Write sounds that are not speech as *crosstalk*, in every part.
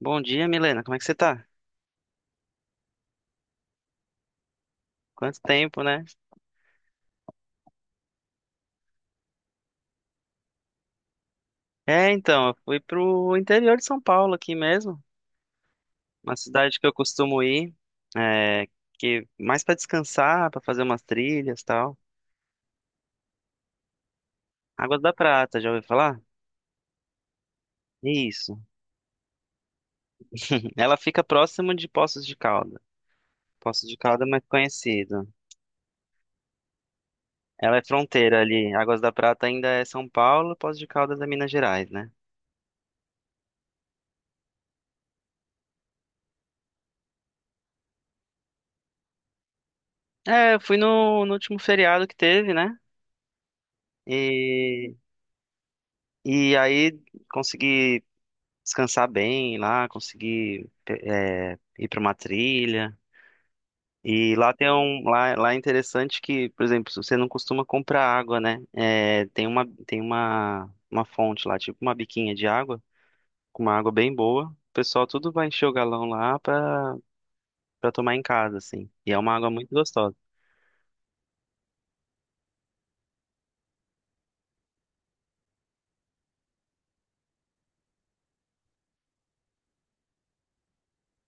Bom dia, Milena. Como é que você tá? Quanto tempo, né? É, então, eu fui pro interior de São Paulo aqui mesmo, uma cidade que eu costumo ir, é, que mais pra descansar, pra fazer umas trilhas, e tal. Água da Prata, já ouviu falar? Isso. *laughs* Ela fica próximo de Poços de Calda. Poços de Calda é mais conhecido. Ela é fronteira ali. Águas da Prata ainda é São Paulo, Poços de Caldas é Minas Gerais, né? É, eu fui no último feriado que teve, né? E, e aí consegui descansar bem lá, conseguir ir para uma trilha. E lá tem um lá é interessante que, por exemplo, se você não costuma comprar água, né? É, tem uma fonte lá, tipo uma biquinha de água, com uma água bem boa. O pessoal tudo vai encher o galão lá para tomar em casa, assim. E é uma água muito gostosa.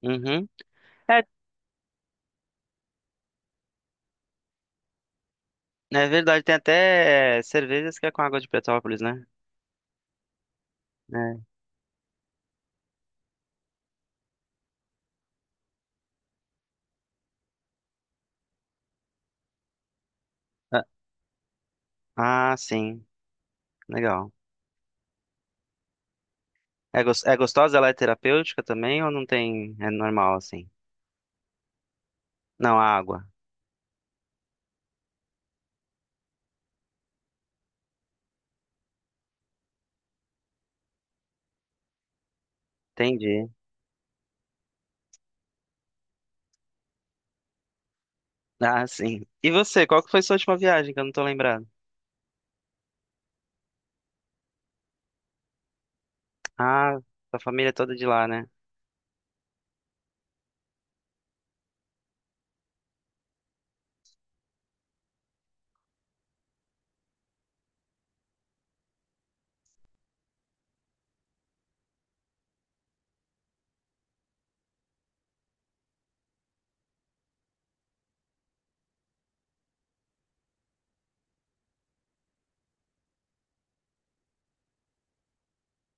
Uhum. É, é verdade, tem até cervejas que é com água de Petrópolis, né? É. Ah, sim. Legal. É, é gostosa? Ela é terapêutica também ou não tem? É normal assim? Não, a água. Entendi. Ah, sim. E você, qual que foi sua última viagem que eu não tô lembrando? Ah, sua família é toda de lá, né?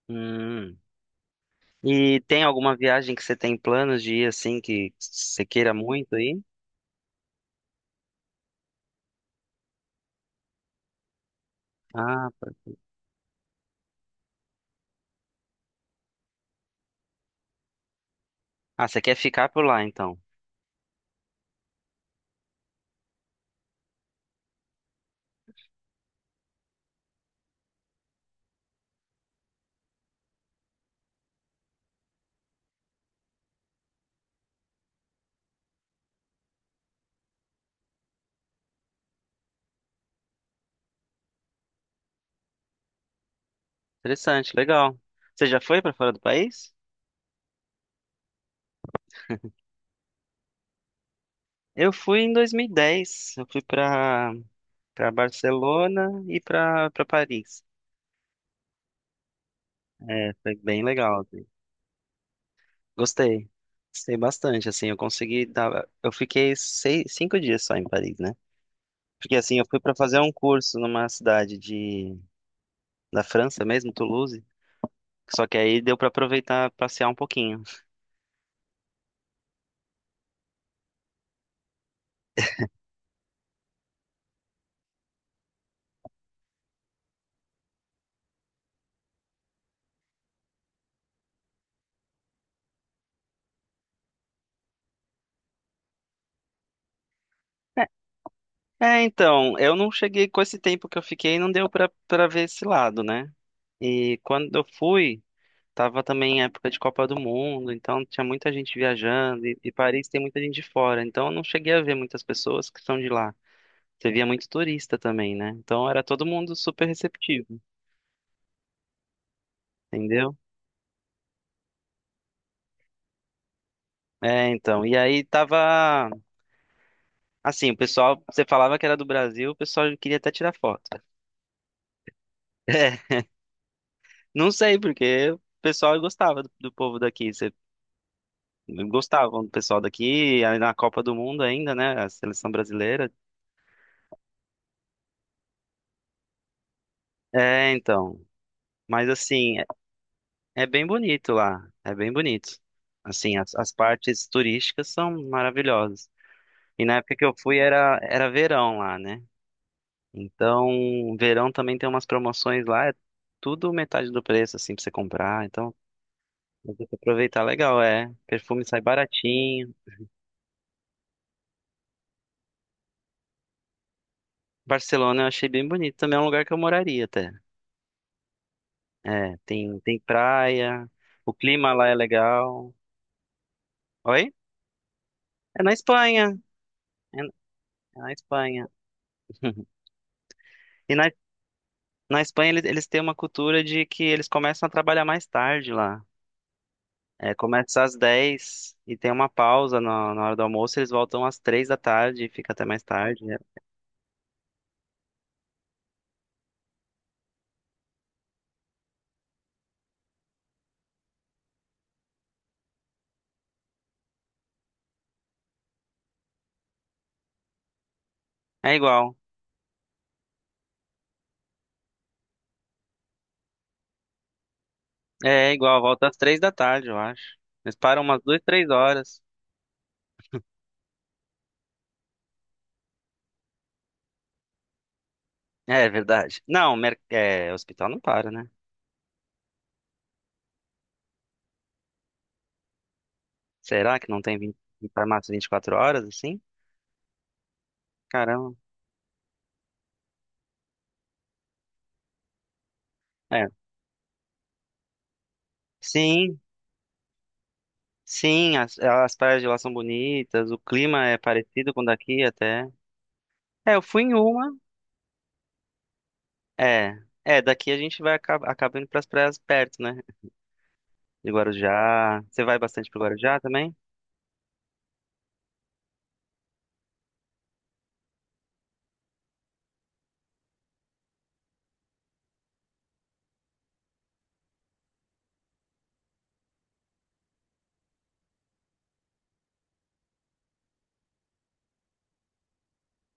Hum. E tem alguma viagem que você tem planos de ir assim que você queira muito aí? Ah, pô. Ah, você quer ficar por lá então? Interessante, legal. Você já foi pra fora do país? Eu fui em 2010. Eu fui pra para Barcelona e pra para Paris. É, foi bem legal, assim. Gostei. Gostei bastante, assim, Eu fiquei seis, cinco dias só em Paris, né? Porque, assim, eu fui para fazer um curso numa cidade da França mesmo, Toulouse. Só que aí deu para aproveitar, passear um pouquinho. É, é, então, eu não cheguei com esse tempo que eu fiquei, não deu para ver esse lado, né? E quando eu fui, tava também em época de Copa do Mundo, então tinha muita gente viajando, e Paris tem muita gente de fora, então eu não cheguei a ver muitas pessoas que são de lá. Você via muito turista também, né? Então era todo mundo super receptivo, entendeu? É, então. E aí tava. Assim, o pessoal, você falava que era do Brasil, o pessoal queria até tirar foto. *laughs* É, não sei, porque o pessoal gostava do povo daqui. Gostavam do pessoal daqui, aí na Copa do Mundo ainda, né? A seleção brasileira. É, então. Mas assim, é bem bonito lá. É bem bonito. Assim, as partes turísticas são maravilhosas. E na época que eu fui era verão lá, né? Então, verão também tem umas promoções lá, é tudo metade do preço, assim, pra você comprar. Então, dá pra aproveitar legal, é. Perfume sai baratinho. Barcelona eu achei bem bonito, também é um lugar que eu moraria até. É, tem praia, o clima lá é legal. Oi? É na Espanha. É na é na Espanha. *laughs* E na Espanha eles têm uma cultura de que eles começam a trabalhar mais tarde lá. É, começa às 10h e tem uma pausa na hora do almoço, eles voltam às 3 da tarde e fica até mais tarde, né? É igual. É igual, volta às 3 da tarde, eu acho. Eles param umas duas três horas. É verdade. Não, o hospital não para, né? Será que não tem 20 farmácia 24 horas assim? Caramba. É. Sim, sim, as praias de lá são bonitas, o clima é parecido com o daqui até. É, eu fui em uma. É, é, daqui a gente acaba indo para as praias perto, né? De Guarujá. Você vai bastante pro Guarujá também?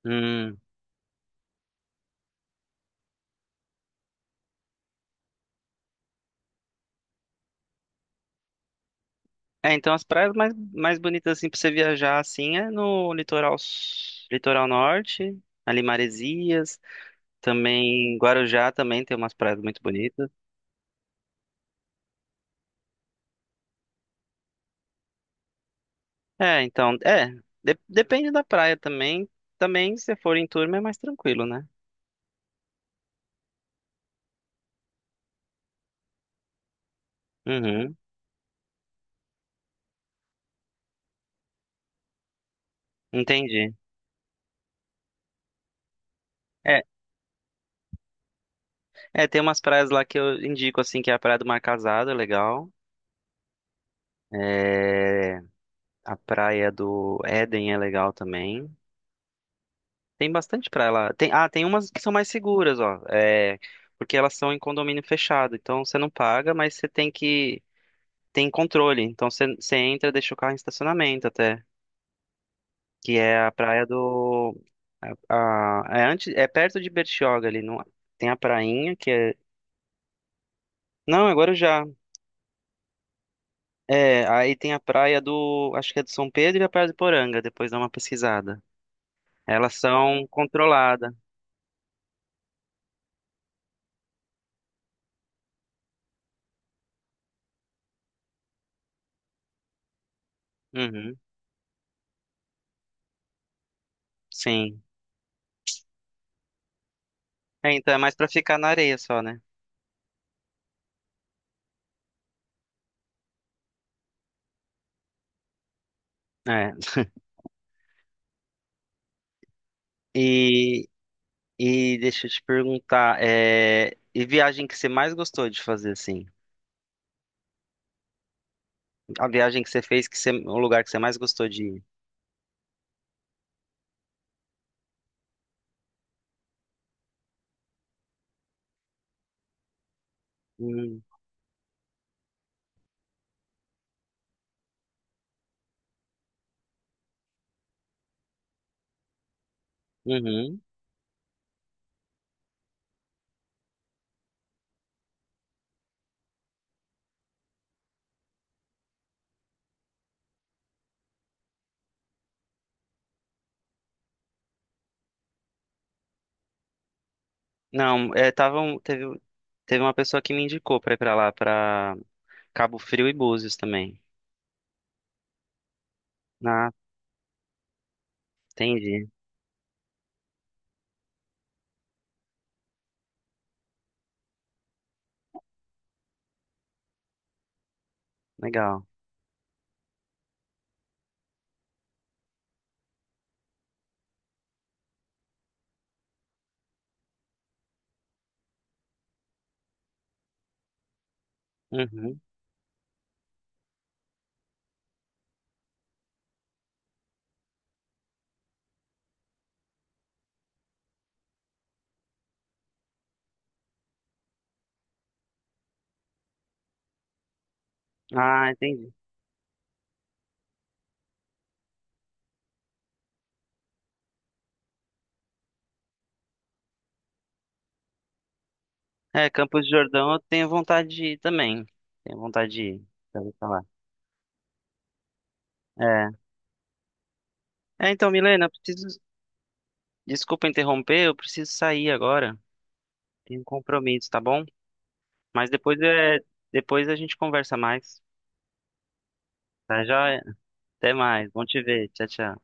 Hum. É, então as praias mais bonitas assim pra você viajar assim é no litoral norte, ali Maresias, também Guarujá também tem umas praias muito bonitas. É, então, depende da praia também. Também se for em turma é mais tranquilo, né? Uhum, entendi. É, é, tem umas praias lá que eu indico assim que é a praia do Mar Casado, é legal. É, a praia do Éden é legal também. Tem bastante pra lá. Tem umas que são mais seguras, ó. É, porque elas são em condomínio fechado. Então você não paga, mas você tem que. Tem controle. Então você entra, deixa o carro em estacionamento até. Que é a praia do. Antes, é perto de Bertioga ali. Não, tem a prainha, que é. Não, agora já. É, aí tem a praia do. Acho que é do São Pedro e a praia do Poranga. Depois dá uma pesquisada. Elas são controladas. Uhum, sim. É, então é mais pra ficar na areia só, né? É. E, e deixa eu te perguntar, e viagem que você mais gostou de fazer, assim? A viagem que você fez, que você, o lugar que você mais gostou de ir? Hum, uhum. Não, teve uma pessoa que me indicou pra ir pra lá, pra Cabo Frio e Búzios também. Ah, entendi. Legal. Uhum. Ah, entendi. É, Campos do Jordão eu tenho vontade de ir também. Tenho vontade de ir, já ouvi falar. É. É, então, Milena, eu preciso. Desculpa interromper, eu preciso sair agora. Tem um compromisso, tá bom? Mas depois depois a gente conversa mais, tá? Já, é. Até mais. Bom te ver. Tchau, tchau.